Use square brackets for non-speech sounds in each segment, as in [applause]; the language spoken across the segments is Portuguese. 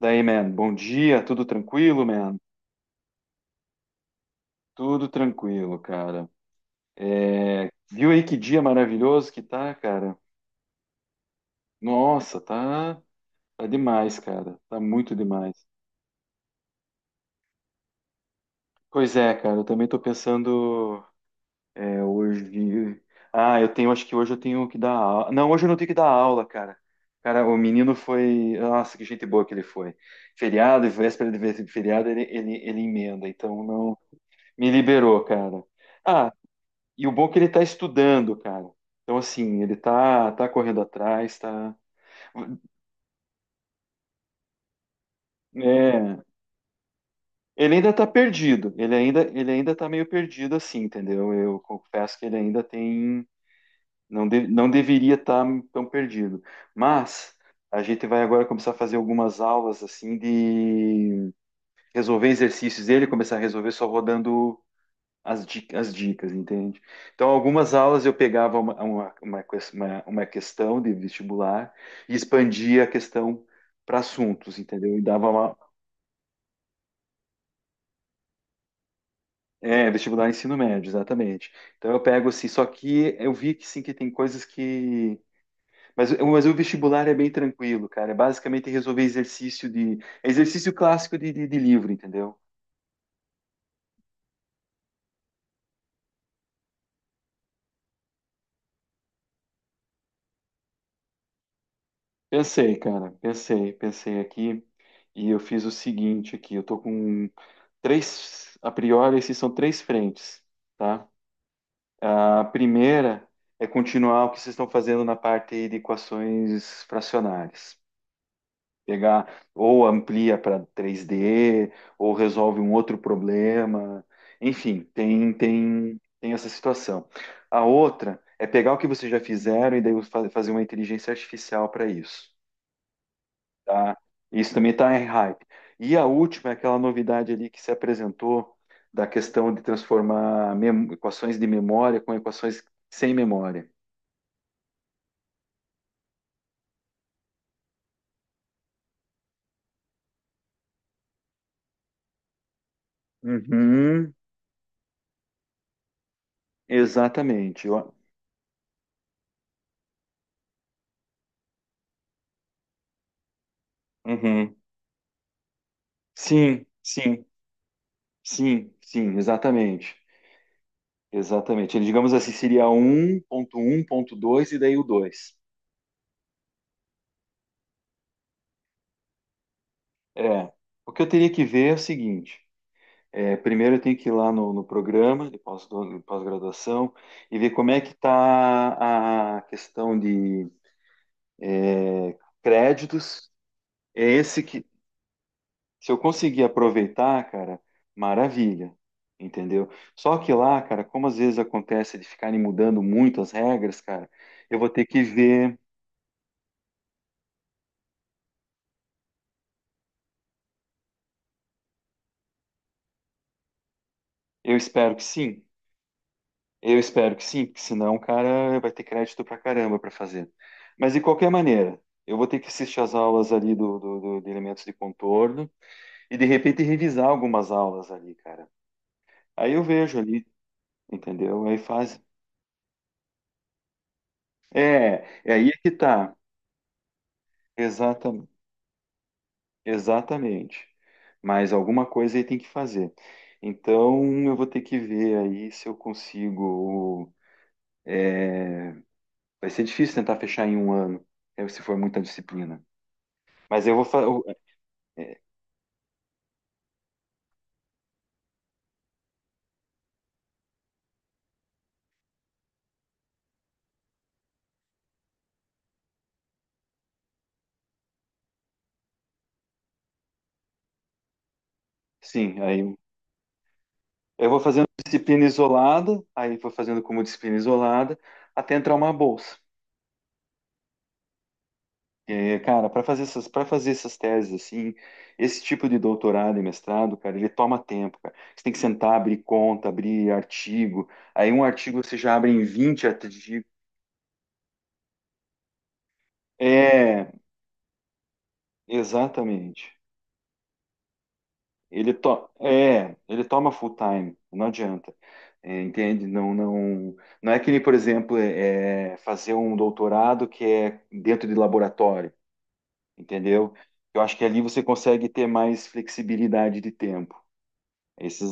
Daí, man, bom dia, tudo tranquilo, man? Tudo tranquilo, cara. É, viu aí que dia maravilhoso que tá, cara? Nossa, tá demais, cara. Tá muito demais. Pois é, cara, eu também tô pensando hoje. Ah, eu tenho, acho que hoje eu tenho que dar aula. Não, hoje eu não tenho que dar aula, cara. Cara, o menino foi. Nossa, que gente boa que ele foi. Feriado e véspera de feriado, ele emenda, então não me liberou, cara. Ah, e o bom é que ele tá estudando, cara. Então, assim, ele tá correndo atrás, tá. É, ele ainda tá perdido. Ele ainda tá meio perdido, assim, entendeu? Eu confesso que ele ainda tem. Não, não deveria estar tão perdido. Mas a gente vai agora começar a fazer algumas aulas, assim, de resolver exercícios dele, começar a resolver só rodando as dicas, entende? Então, algumas aulas eu pegava uma questão de vestibular e expandia a questão para assuntos, entendeu? E dava uma. É, vestibular ensino médio, exatamente. Então eu pego assim, só que eu vi que sim que tem coisas que. Mas o vestibular é bem tranquilo, cara. É basicamente resolver exercício de. É exercício clássico de livro, entendeu? Pensei, cara, pensei, pensei aqui e eu fiz o seguinte aqui, eu tô com três, a priori, esses são três frentes, tá? A primeira é continuar o que vocês estão fazendo na parte de equações fracionárias. Pegar ou amplia para 3D ou resolve um outro problema, enfim, tem essa situação. A outra é pegar o que vocês já fizeram e daí fazer uma inteligência artificial para isso. Tá? Isso também está em hype. E a última é aquela novidade ali que se apresentou da questão de transformar equações de memória com equações sem memória. Uhum. Exatamente. Uhum. Sim, sim, sim, sim, exatamente. Exatamente. Ele, digamos assim, seria ponto um ponto 2 e daí o dois. É. O que eu teria que ver é o seguinte. É, primeiro eu tenho que ir lá no programa de de pós-graduação e ver como é que está a questão de créditos. É esse que, se eu conseguir aproveitar, cara, maravilha, entendeu? Só que lá, cara, como às vezes acontece de ficarem mudando muito as regras, cara, eu vou ter que ver. Eu espero que sim, eu espero que sim, porque senão, cara, vai ter crédito pra caramba para fazer. Mas de qualquer maneira, eu vou ter que assistir as aulas ali de elementos de contorno. E de repente revisar algumas aulas ali, cara. Aí eu vejo ali, entendeu? Aí faz. É aí que tá. Exatamente. Exatamente. Mas alguma coisa aí tem que fazer. Então eu vou ter que ver aí se eu consigo. é, Vai ser difícil tentar fechar em 1 ano, se for muita disciplina. Mas eu vou fa... eu- é, sim, aí eu vou fazendo disciplina isolada, aí vou fazendo como disciplina isolada, até entrar uma bolsa. É, cara, para fazer essas teses assim, esse tipo de doutorado e mestrado, cara, ele toma tempo, cara. Você tem que sentar, abrir conta, abrir artigo. Aí um artigo você já abre em 20 artigos. É, exatamente. Ele toma full time, não adianta. É, entende? Não, não, não é que nem, por exemplo, é fazer um doutorado que é dentro de laboratório, entendeu? Eu acho que ali você consegue ter mais flexibilidade de tempo. Esses,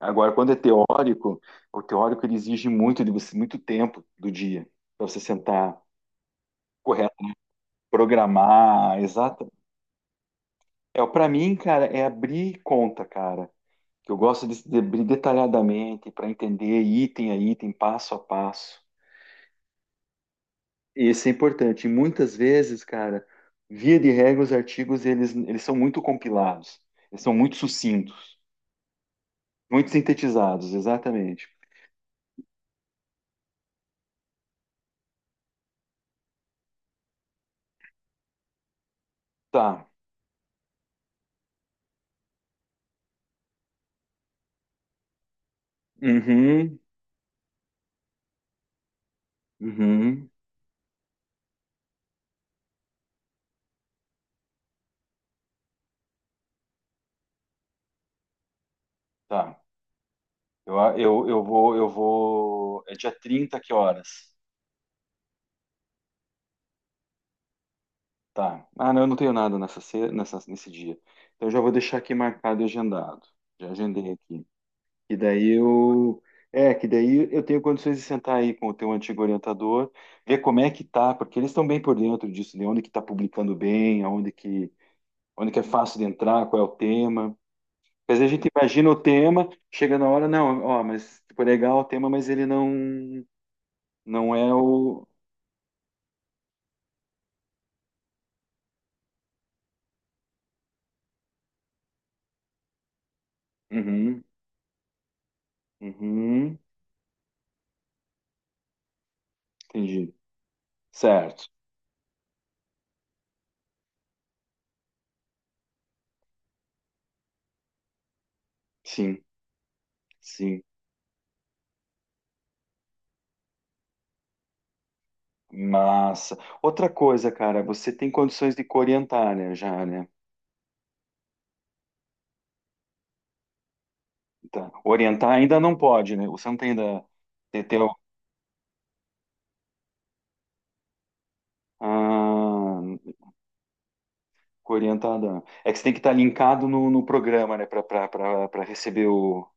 Agora, quando é teórico, o teórico ele exige muito de você, muito tempo do dia para você sentar correto, programar, exato. É, para mim, cara, é abrir conta, cara, que eu gosto de abrir detalhadamente para entender item a item, passo a passo. E isso é importante. E muitas vezes, cara, via de regra, os artigos eles são muito compilados, eles são muito sucintos, muito sintetizados, exatamente. Tá. Uhum, uhum, tá. Eu, a- eu, eu vou, eu vou. É dia 30 que horas? Tá. Ah, não, eu não tenho nada nesse dia. Então eu já vou deixar aqui marcado e agendado. Já agendei aqui. E daí eu. É, que daí eu tenho condições de sentar aí com o teu antigo orientador, ver como é que tá, porque eles estão bem por dentro disso, de onde que tá publicando bem, aonde que, onde que é fácil de entrar, qual é o tema. Às vezes a gente imagina o tema, chega na hora, não, ó, mas tipo, legal o tema, mas ele não, não é o. Uhum. Uhum, entendi. Certo. Sim, sim. Massa. Outra coisa, cara, você tem condições de orientar, né, já, né? Tá. Orientar ainda não pode, né? Você não tem ainda... Tem, tem, ah, orientada. É que você tem que estar linkado no programa, né? Para receber o,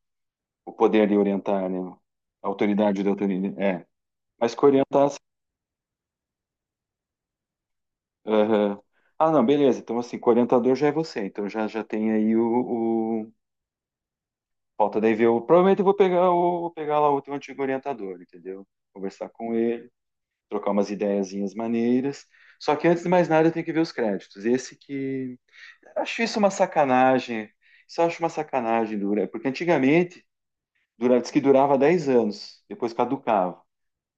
o poder de orientar, né? A autoridade de autoridade. É. Mas que aham. Ah, não, beleza. Então, assim, que já é você. Então, já, já tem aí o... Falta daí ver. Provavelmente eu vou pegar lá o teu antigo orientador, entendeu? Conversar com ele, trocar umas ideiazinhas maneiras. Só que antes de mais nada eu tenho que ver os créditos. Esse que. Acho isso uma sacanagem. Isso eu acho uma sacanagem, dura. Porque antigamente diz que durava 10 anos, depois caducava.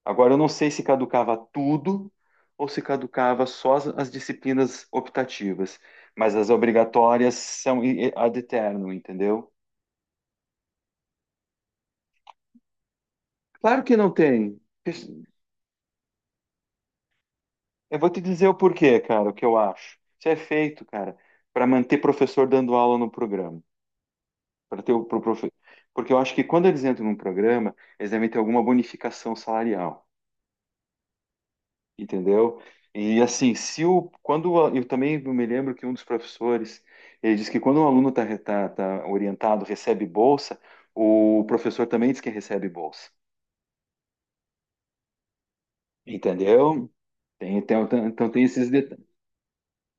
Agora eu não sei se caducava tudo ou se caducava só as disciplinas optativas. Mas as obrigatórias são ad eternum, entendeu? Claro que não tem. Eu vou te dizer o porquê, cara, o que eu acho. Isso é feito, cara, para manter professor dando aula no programa, para ter o pro profe- porque eu acho que quando eles entram num programa, eles devem ter alguma bonificação salarial, entendeu? E assim, se o quando o a- eu também me lembro que um dos professores ele disse que quando um aluno está tá, tá tá orientado recebe bolsa, o professor também diz que recebe bolsa, entendeu? Então tem esses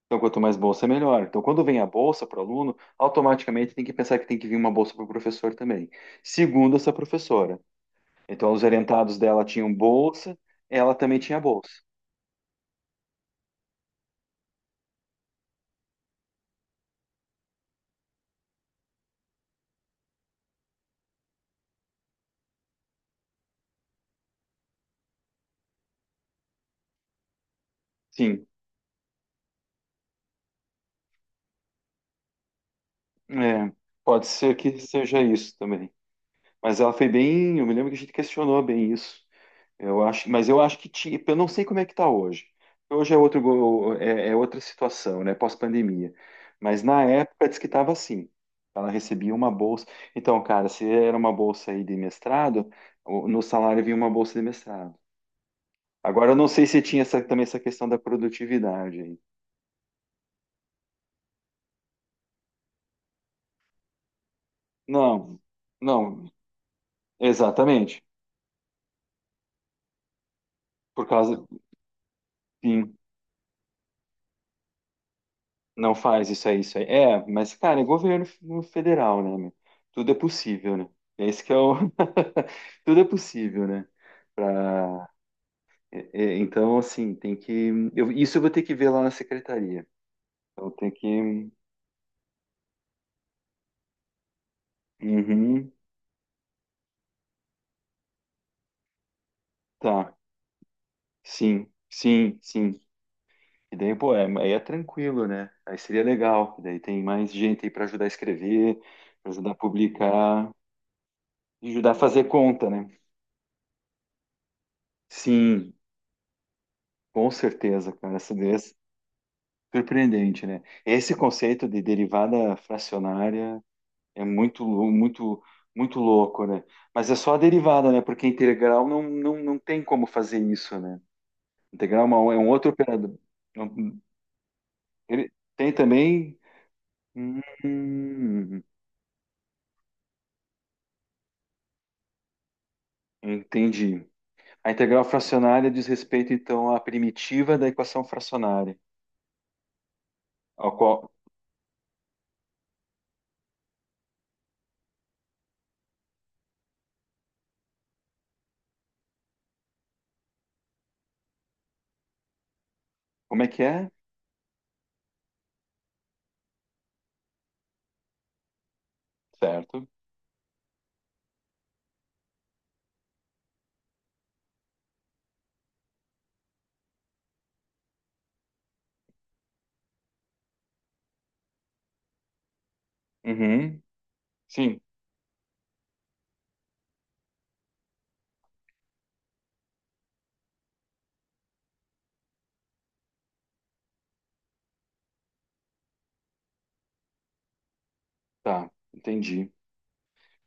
Então, quanto mais bolsa, é melhor. Então, quando vem a bolsa para o aluno, automaticamente tem que pensar que tem que vir uma bolsa para o professor também. Segundo essa professora. Então, os orientados dela tinham bolsa, ela também tinha bolsa. Sim, é, pode ser que seja isso também. Mas ela foi bem. Eu me lembro que a gente questionou bem isso. Eu acho, mas eu acho que tinha, eu não sei como é que está hoje. Hoje é outro, é outra situação, né? Pós-pandemia. Mas na época diz que estava assim. Ela recebia uma bolsa. Então, cara, se era uma bolsa aí de mestrado, no salário vinha uma bolsa de mestrado. Agora eu não sei se tinha também essa questão da produtividade aí. Não, não, exatamente. Por causa, sim. Não faz isso aí, isso aí. É, mas, cara, é governo no federal, né, meu? Tudo é possível, né? É isso que é o... [laughs] Tudo é possível, né? Pra... então, assim, tem que... isso eu vou ter que ver lá na secretaria. Então, tem que... Uhum, tá. Sim, sim, sim. E daí, pô, aí é tranquilo, né? Aí seria legal. E daí tem mais gente aí pra ajudar a escrever, pra ajudar a publicar, e ajudar a fazer conta, né? Sim, com certeza, cara. Essa ideia. Surpreendente, né? Esse conceito de derivada fracionária é muito, muito louco, né? Mas é só a derivada, né? Porque integral não, não, não tem como fazer isso, né? Integral é é um outro operador. Não- Ele tem também. Hum, entendi. A integral fracionária diz respeito, então, à primitiva da equação fracionária. Ao qual... Como é que é? Certo. Uhum. Sim, tá. Entendi.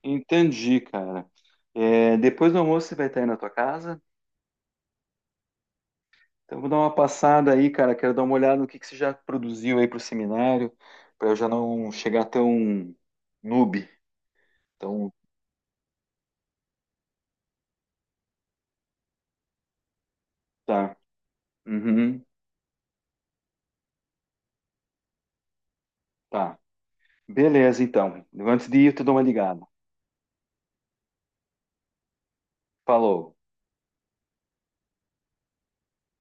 Entendi, cara. É, depois do almoço você vai estar aí na tua casa? Então eu vou dar uma passada aí, cara. Quero dar uma olhada no que você já produziu aí pro seminário, para eu já não chegar tão noob. Então, tá. Uhum, tá. Beleza, então. Antes de ir, eu te dou uma ligada. Falou.